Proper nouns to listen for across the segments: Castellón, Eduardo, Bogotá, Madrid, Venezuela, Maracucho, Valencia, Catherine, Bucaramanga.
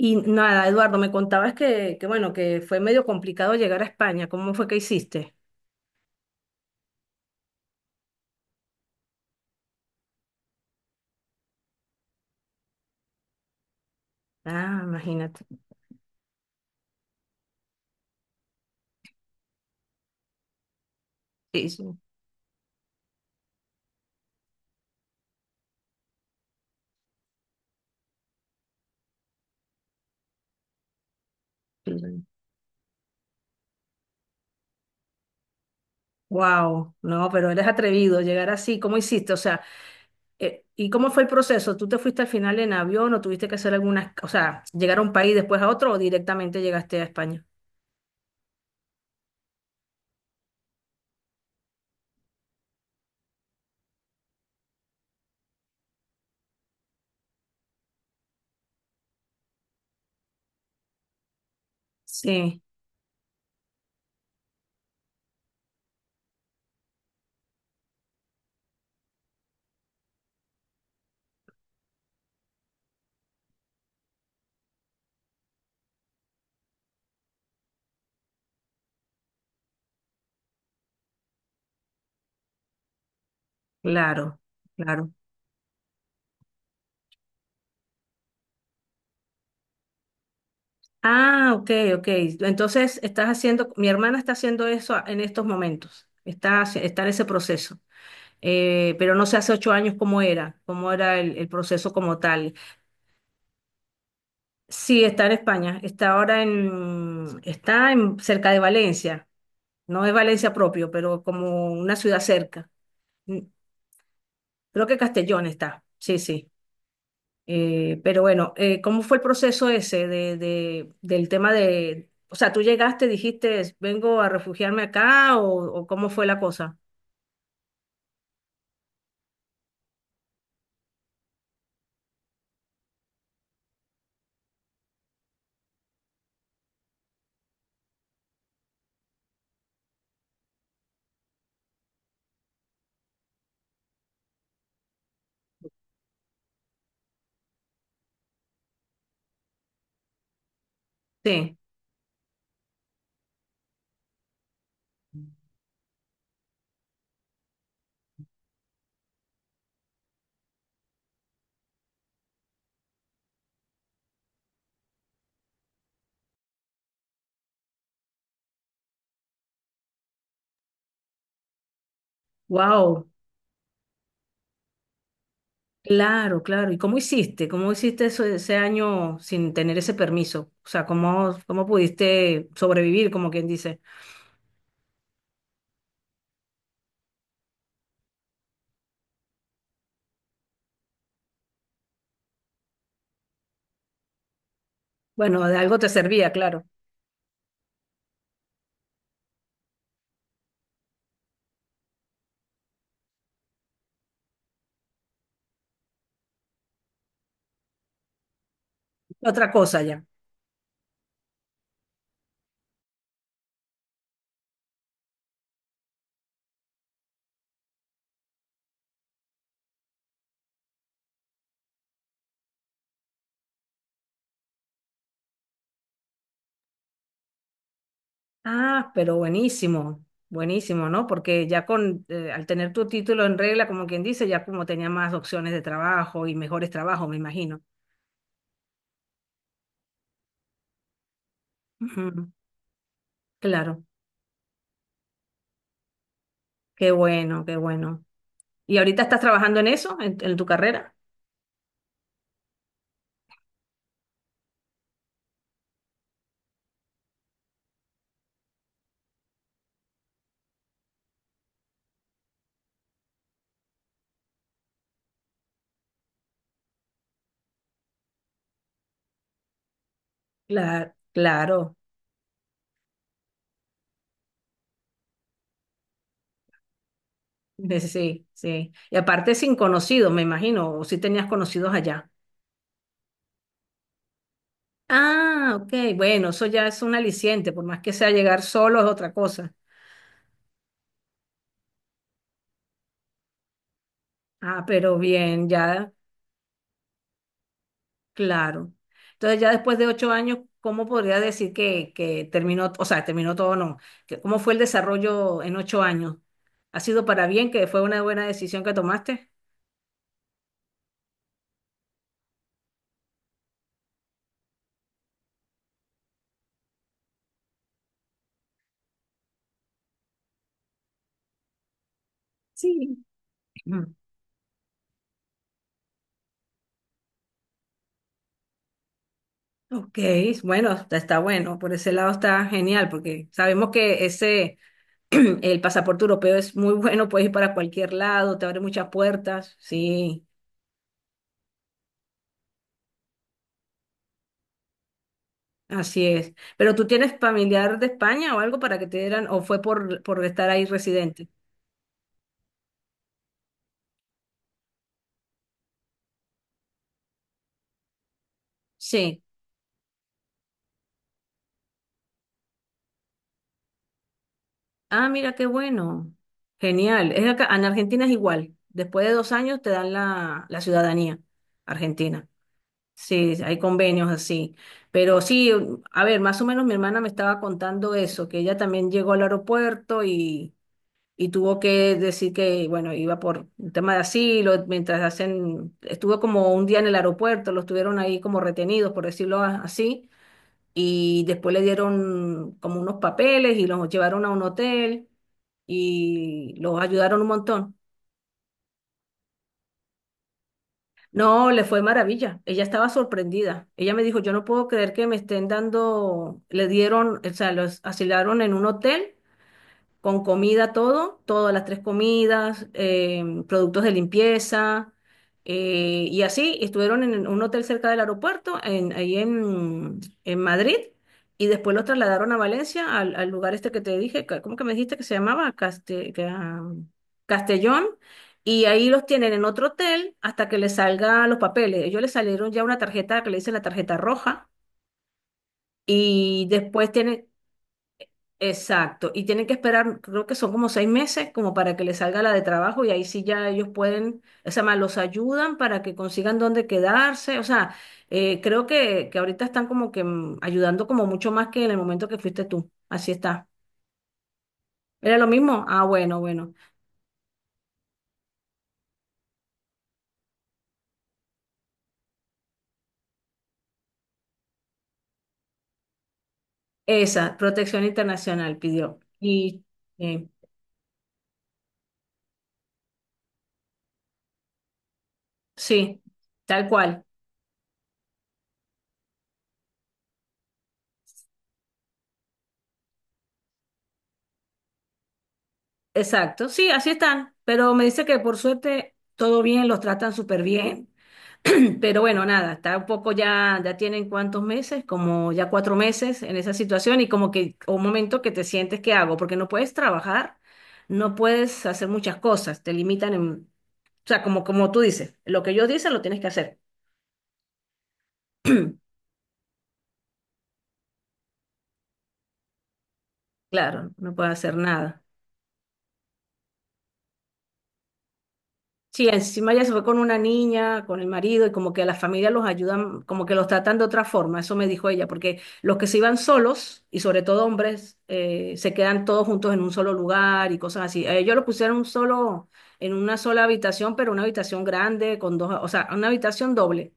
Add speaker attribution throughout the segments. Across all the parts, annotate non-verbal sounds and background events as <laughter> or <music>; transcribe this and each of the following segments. Speaker 1: Y nada, Eduardo, me contabas que bueno, que fue medio complicado llegar a España. ¿Cómo fue que hiciste? Ah, imagínate. Wow, no, pero eres atrevido llegar así. ¿Cómo hiciste? O sea, ¿y cómo fue el proceso? ¿Tú te fuiste al final en avión o tuviste que hacer algunas, o sea, llegar a un país después a otro o directamente llegaste a España? Sí, claro, claro. Ah, ok, ok. Entonces estás haciendo, mi hermana está haciendo eso en estos momentos. Está, está en ese proceso. Pero no sé hace 8 años cómo era, el proceso como tal. Sí, está en España, está ahora cerca de Valencia, no es Valencia propio, pero como una ciudad cerca. Mm. Creo que Castellón está, sí, sí. Pero bueno, ¿cómo fue el proceso ese de, del tema de, o sea, tú llegaste, dijiste, vengo a refugiarme acá o cómo fue la cosa? Sí, wow. Claro, claro. ¿Y cómo hiciste? ¿Cómo hiciste eso, ese año sin tener ese permiso? O sea, ¿cómo pudiste sobrevivir, como quien dice? Bueno, de algo te servía, claro. Otra cosa ya. Ah, pero buenísimo, buenísimo, ¿no? Porque ya al tener tu título en regla, como quien dice, ya como tenía más opciones de trabajo y mejores trabajos, me imagino. Ujú, claro, qué bueno, qué bueno. ¿Y ahorita estás trabajando en eso, en tu carrera? Claro, claro. Sí, sí. Y aparte sin conocidos, me imagino, o si tenías conocidos allá. Ah, ok, bueno, eso ya es un aliciente, por más que sea llegar solo es otra cosa. Ah, pero bien, ya, claro. Entonces ya después de 8 años, ¿cómo podría decir que terminó, o sea, terminó todo o no? ¿Cómo fue el desarrollo en 8 años? ¿Ha sido para bien, que fue una buena decisión que tomaste? Sí. Mm. Ok, bueno, está bueno, por ese lado está genial, porque sabemos que ese, <clears throat> el pasaporte europeo es muy bueno, puedes ir para cualquier lado, te abre muchas puertas. Sí, así es. Pero tú tienes familiar de España o algo para que te dieran, o fue por estar ahí residente. Sí. Ah, mira qué bueno. Genial. Es acá, en Argentina es igual. Después de 2 años te dan la ciudadanía argentina. Sí, hay convenios así. Pero sí, a ver, más o menos mi hermana me estaba contando eso, que ella también llegó al aeropuerto y tuvo que decir que, bueno, iba por un tema de asilo, mientras hacen, estuvo como un día en el aeropuerto, los tuvieron ahí como retenidos, por decirlo así, y después le dieron como unos papeles y los llevaron a un hotel y los ayudaron un montón. No, le fue maravilla. Ella estaba sorprendida. Ella me dijo, yo no puedo creer que me estén dando, le dieron, o sea, los asilaron en un hotel con comida todo, todas las tres comidas, productos de limpieza, y así estuvieron en un hotel cerca del aeropuerto, ahí en Madrid, y después los trasladaron a Valencia, al lugar este que te dije, ¿cómo que me dijiste que se llamaba? Castellón. Y ahí los tienen en otro hotel hasta que les salgan los papeles. Ellos les salieron ya una tarjeta que le dicen la tarjeta roja. Y después tienen, exacto, y tienen que esperar, creo que son como 6 meses, como para que les salga la de trabajo y ahí sí ya ellos pueden, o sea, más los ayudan para que consigan dónde quedarse, o sea, creo que ahorita están como que ayudando como mucho más que en el momento que fuiste tú, así está. ¿Era lo mismo? Ah, bueno, bueno. Esa, protección internacional pidió. Y eh, sí, tal cual, exacto, sí, así están, pero me dice que por suerte todo bien, los tratan súper bien. <clears throat> Pero bueno, nada, está un poco ya, ya tienen cuántos meses, como ya 4 meses en esa situación y como que un momento que te sientes, ¿qué hago? Porque no puedes trabajar, no puedes hacer muchas cosas, te limitan en, o sea, como tú dices, lo que ellos dicen lo tienes que hacer. <clears throat> Claro, no puedes hacer nada. Sí, encima ella se fue con una niña, con el marido, y como que la familia los ayudan, como que los tratan de otra forma, eso me dijo ella, porque los que se iban solos, y sobre todo hombres, se quedan todos juntos en un solo lugar y cosas así. A ellos lo pusieron un solo, en una sola habitación, pero una habitación grande, con dos, o sea, una habitación doble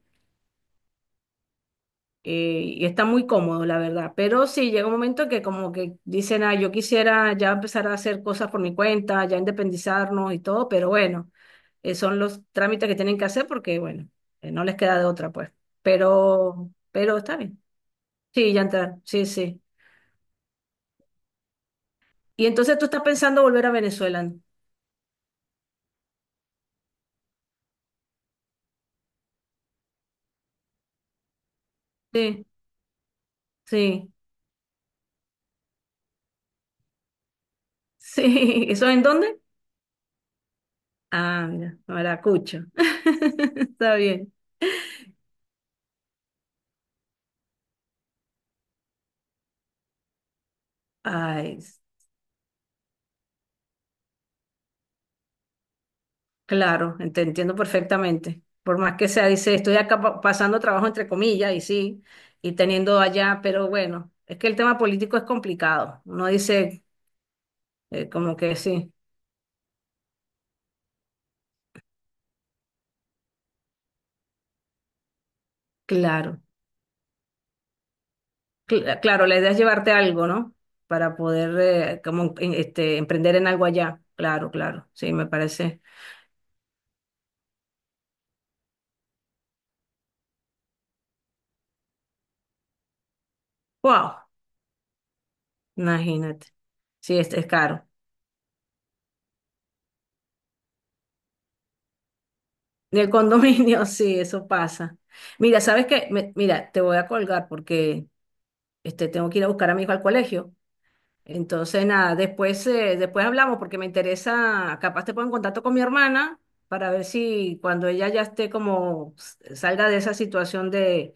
Speaker 1: y está muy cómodo, la verdad. Pero sí, llega un momento que como que dicen, ah, yo quisiera ya empezar a hacer cosas por mi cuenta, ya independizarnos y todo, pero bueno, son los trámites que tienen que hacer porque, bueno, no les queda de otra, pues. Pero está bien. Sí, ya entrar, sí, sí. Y entonces tú estás pensando volver a Venezuela, ¿no? Sí, sí, sí. <laughs> ¿Eso en dónde? Ah, mira, Maracucho. <laughs> Está bien. Ay. Claro, te entiendo perfectamente. Por más que sea, dice, estoy acá pasando trabajo entre comillas y sí, y teniendo allá, pero bueno, es que el tema político es complicado. Uno dice, como que sí, claro. Claro, la idea es llevarte algo, ¿no? Para poder como este, emprender en algo allá. Claro, claro, sí, me parece. Wow, imagínate. Sí, este es caro. Y el condominio, <laughs> sí, eso pasa. Mira, ¿sabes qué? Mira, te voy a colgar porque... Este, tengo que ir a buscar a mi hijo al colegio. Entonces, nada, después, después hablamos porque me interesa, capaz te pongo en contacto con mi hermana para ver si cuando ella ya esté como salga de esa situación de,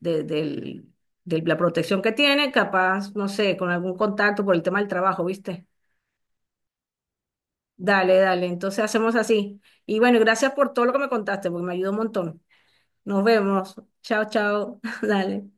Speaker 1: de, del- de la protección que tiene, capaz, no sé, con algún contacto por el tema del trabajo, ¿viste? Dale, dale, entonces hacemos así. Y bueno, gracias por todo lo que me contaste, porque me ayudó un montón. Nos vemos. Chao, chao. <laughs> Dale.